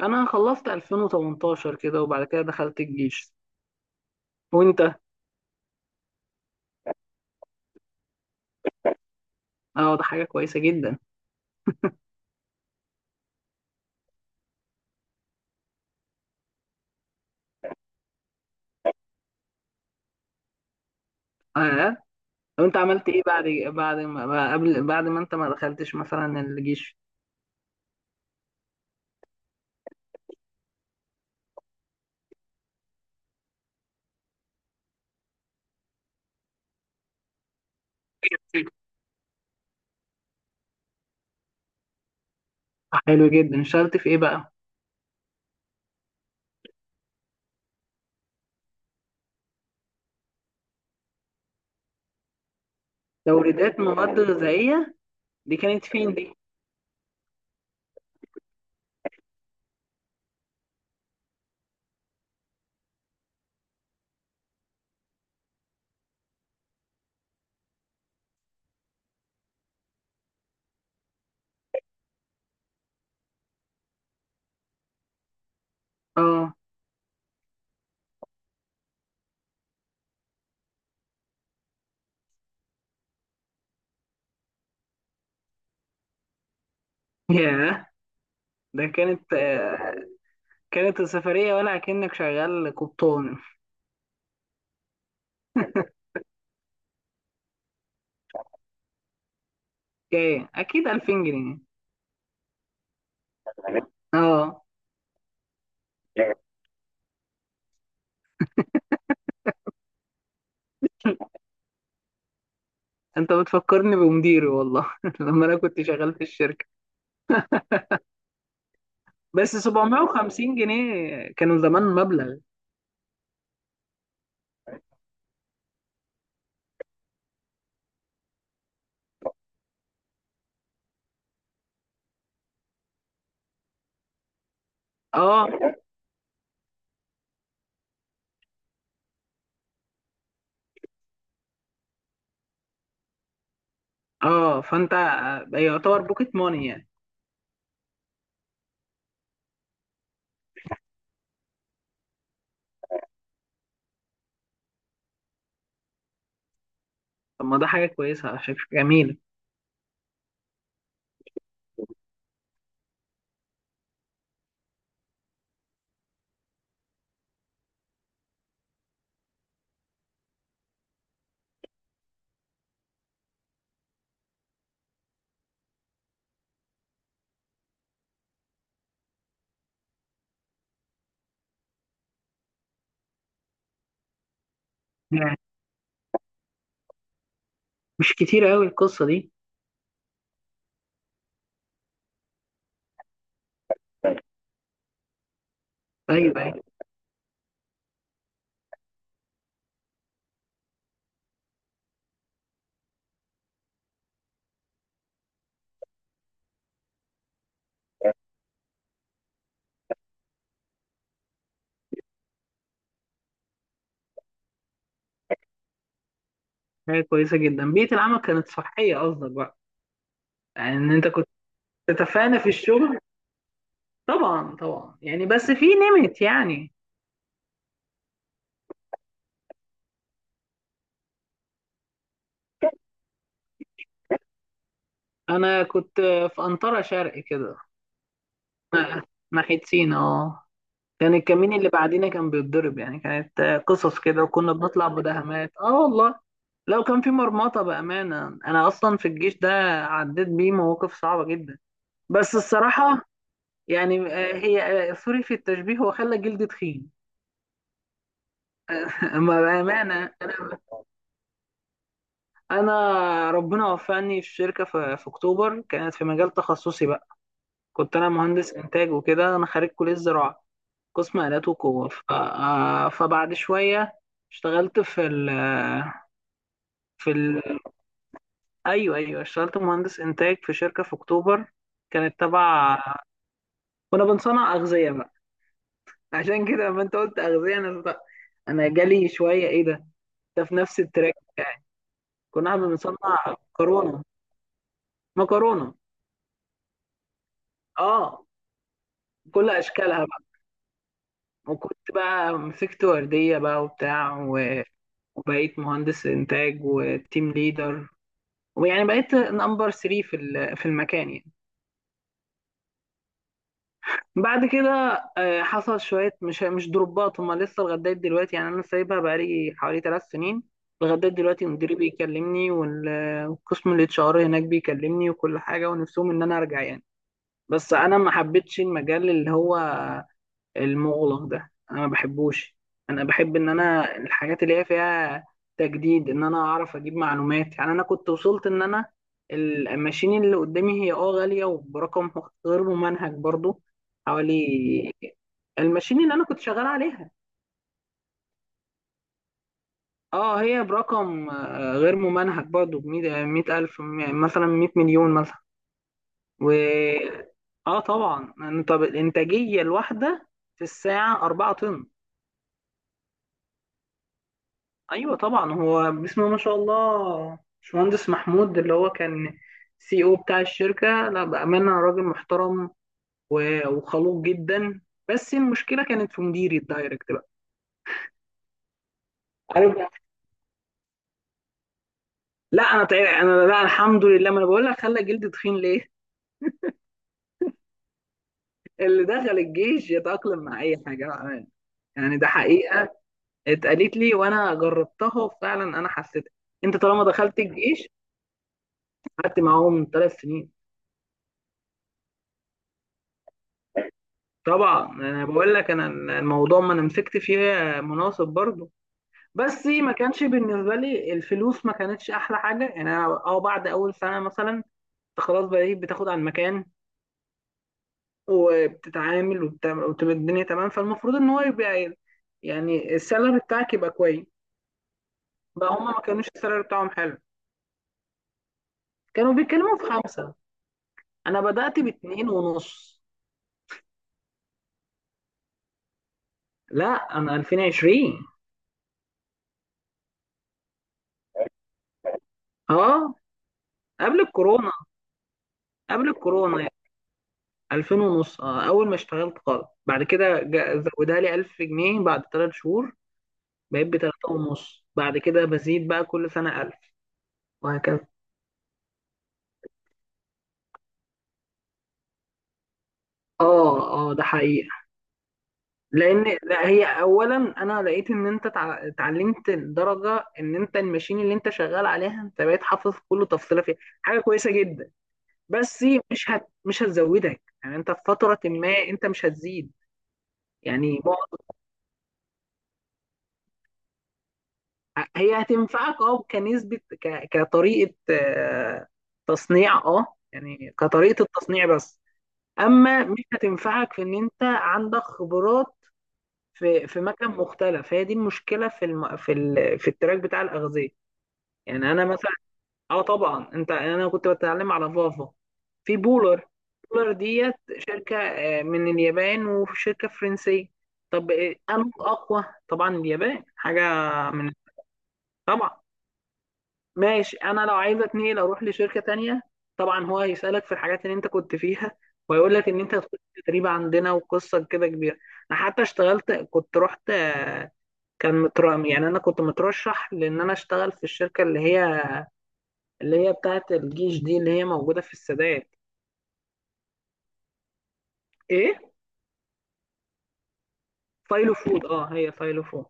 انا خلصت 2018 كده وبعد كده دخلت الجيش. وانت؟ اه، ده حاجه كويسه جدا. اه، طب انت عملت ايه بعد بعد ما قبل بعد ما انت ما دخلتش مثلا الجيش؟ حلو جدا، اشتغلت في ايه بقى؟ توريدات مواد غذائيه، دي كانت فين دي؟ اه، ياه. ده كانت آه، كانت السفريه ولا كأنك شغال قبطان؟ ايه اكيد 2000 جنيه. اه، انت بتفكرني بمديري والله لما انا كنت شغال في الشركه. بس 750 جنيه كانوا زمان مبلغ. اه اه، فانت يعتبر بوكيت ماني يعني. طب ما ده حاجه كويسه على فكره، جميله. يعني مش كتير قوي القصه دي؟ ايوه ايوه، حاجه كويسه جدا، بيئه العمل كانت صحيه قصدك بقى، يعني ان انت كنت تتفانى في الشغل. طبعا طبعا، يعني بس في نمت يعني. انا كنت في انطره شرق كده، ناحيه سينا. اه، كان الكمين اللي بعدينا كان بيتضرب، يعني كانت قصص كده، وكنا بنطلع مداهمات، اه والله. لو كان في مرمطة بأمانة، أنا أصلا في الجيش ده عديت بيه مواقف صعبة جدا، بس الصراحة يعني آه، هي آه، سوري في التشبيه، هو خلى جلدي تخين. أما بأمانة. أنا أنا ربنا وفقني في شركة في أكتوبر، كانت في مجال تخصصي بقى. كنت أنا مهندس إنتاج وكده، أنا خريج كلية زراعة قسم آلات وقوة. فبعد شوية اشتغلت في في ال... ايوه ايوه، اشتغلت مهندس انتاج في شركه في اكتوبر، كانت تبع. كنا بنصنع اغذيه بقى. عشان كده لما انت قلت اغذيه انا بقى انا جالي شويه ايه ده في نفس التراك يعني. كنا احنا بنصنع مكرونه، مكرونه اه، كل اشكالها بقى. وكنت بقى مسكت ورديه بقى وبتاع، وبقيت مهندس انتاج وتيم ليدر، ويعني بقيت نمبر 3 في في المكان يعني. بعد كده حصل شوية مش دروبات، هما لسه لغاية دلوقتي يعني، أنا سايبها بقالي حوالي 3 سنين. لغاية دلوقتي مديري بيكلمني والقسم الاتش ار هناك بيكلمني وكل حاجة، ونفسهم إن أنا أرجع يعني. بس أنا ما حبيتش المجال اللي هو المغلق ده، انا ما بحبوش. انا بحب ان انا الحاجات اللي هي فيها تجديد، ان انا اعرف اجيب معلومات. يعني انا كنت وصلت ان انا الماشين اللي قدامي هي اه غالية، وبرقم غير ممنهج برضو، حوالي الماشين اللي انا كنت شغال عليها اه هي برقم غير ممنهج برضو بمية ألف، مثلا مية مليون مثلا. و اه طبعا انت الانتاجية الواحدة في الساعة 4 طن. ايوه طبعا، هو اسمه ما شاء الله باشمهندس محمود، اللي هو كان سي او بتاع الشركه، لا بامانه راجل محترم وخلوق جدا. بس المشكله كانت في مديري الدايركت بقى، عارف بقى؟ لا انا طيب، انا لا الحمد لله، ما انا بقول لك خلى جلدي تخين ليه. اللي دخل الجيش يتاقلم مع اي حاجه بأمانة. يعني ده حقيقه، اتقالت لي وانا جربتها وفعلا انا حسيت، انت طالما دخلت الجيش. قعدت معاهم 3 سنين. طبعا انا بقول لك انا الموضوع، ما انا مسكت فيه مناصب برضو، بس ما كانش بالنسبه لي الفلوس ما كانتش احلى حاجه يعني. انا اه بعد اول سنه مثلا انت خلاص بقيت بتاخد على المكان، وبتتعامل وبتبقى الدنيا تمام. فالمفروض ان هو يبقى، يعني السالري بتاعك يبقى كويس. بقى هما ما كانوش السالري بتاعهم حلو، كانوا بيتكلموا في خمسه، انا بدات باتنين ونص. لا انا 2020. اه، قبل الكورونا. قبل الكورونا 2000 ونص اه اول ما اشتغلت خالص، بعد كده زودها لي 1000 جنيه بعد 3 شهور، بقيت ب 3 ونص، بعد كده بزيد بقى كل سنة 1000 وهكذا. اه اه، ده حقيقة. لان لا هي اولا انا لقيت ان انت اتعلمت، لدرجة ان انت الماشين اللي انت شغال عليها انت بقيت حافظ كل تفصيلة فيها، حاجة كويسة جدا. بس مش هتزودك، يعني انت في فترة ما انت مش هتزيد. يعني هي هتنفعك اه كنسبة، كطريقة تصنيع، اه يعني كطريقة التصنيع بس. اما مش هتنفعك في ان انت عندك خبرات في مكان مختلف، هي دي المشكلة في التراك بتاع الأغذية. يعني انا مثلا اه طبعا انت انا كنت بتعلم على فافا في بولر. بولر ديت شركة من اليابان، وشركة فرنسية. طب انه اقوى طبعا، اليابان حاجة من طبعا. ماشي، انا لو عايز اتنقل اروح لشركه تانية، طبعا هو هيسالك في الحاجات اللي انت كنت فيها، ويقول لك ان انت هتخش تدريب عندنا، وقصه كده كبيره. انا حتى اشتغلت كنت رحت كان مترام، يعني انا كنت مترشح لان انا اشتغل في الشركه اللي هي بتاعه الجيش دي، اللي هي موجوده في السادات. ايه فايلو فود، اه هي فايلو فود.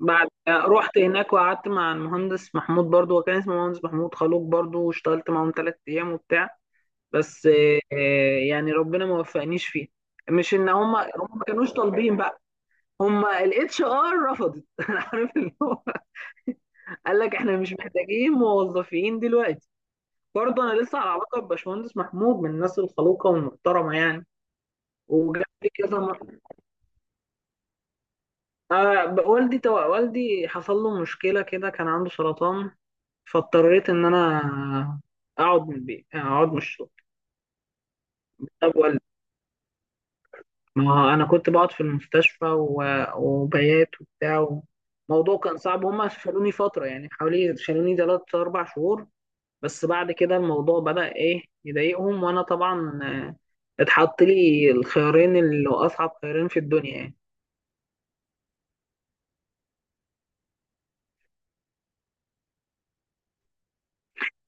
بعد رحت هناك وقعدت مع المهندس محمود برضو، وكان اسمه مهندس محمود، خلوق برضو، واشتغلت معاهم 3 ايام وبتاع. بس يعني ربنا ما وفقنيش فيه، مش ان هم ما كانوش طالبين بقى، هم الاتش ار رفضت. انا عارف اللي هو قال لك احنا مش محتاجين موظفين دلوقتي. برضه انا لسه على علاقه بباشمهندس محمود، من الناس الخلوقه والمحترمه يعني. وجاب لي كذا مره. آه، والدي حصل له مشكله كده، كان عنده سرطان. فاضطريت ان انا اقعد من البيت، اقعد من الشغل. طب ما هو انا كنت بقعد في المستشفى، وبيات وبتاع، الموضوع كان صعب. هما شالوني فتره، يعني حوالي شالوني 3 4 شهور، بس بعد كده الموضوع بدأ ايه يضايقهم، وانا طبعا اتحط لي الخيارين اللي هو اصعب خيارين في الدنيا يعني.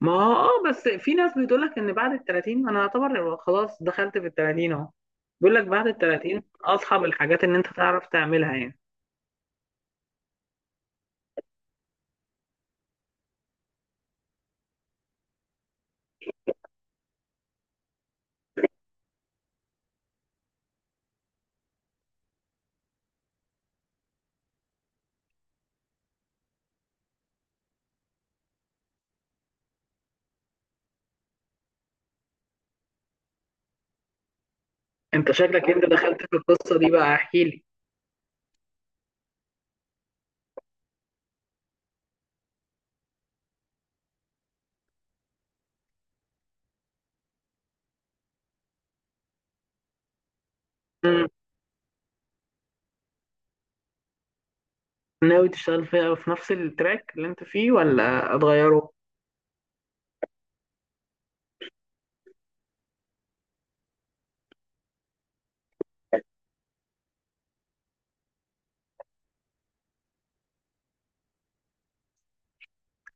ما هو اه، بس في ناس بتقول لك ان بعد ال 30، انا اعتبر خلاص دخلت في ال 30 اهو، بيقول لك بعد ال 30 اصعب الحاجات ان انت تعرف تعملها يعني. انت شكلك انت دخلت في القصه دي بقى، احكي لي، ناوي تشتغل فيها في نفس التراك اللي انت فيه ولا اتغيره؟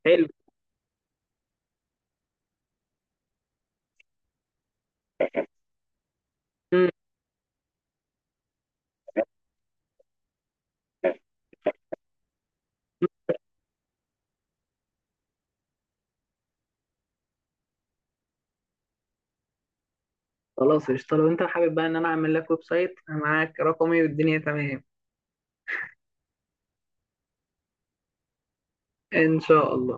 حلو. مم. خلاص قشطة، لو انت حابب بقى ان انا اعمل لك ويب سايت، انا معاك رقمي والدنيا تمام. ان شاء الله.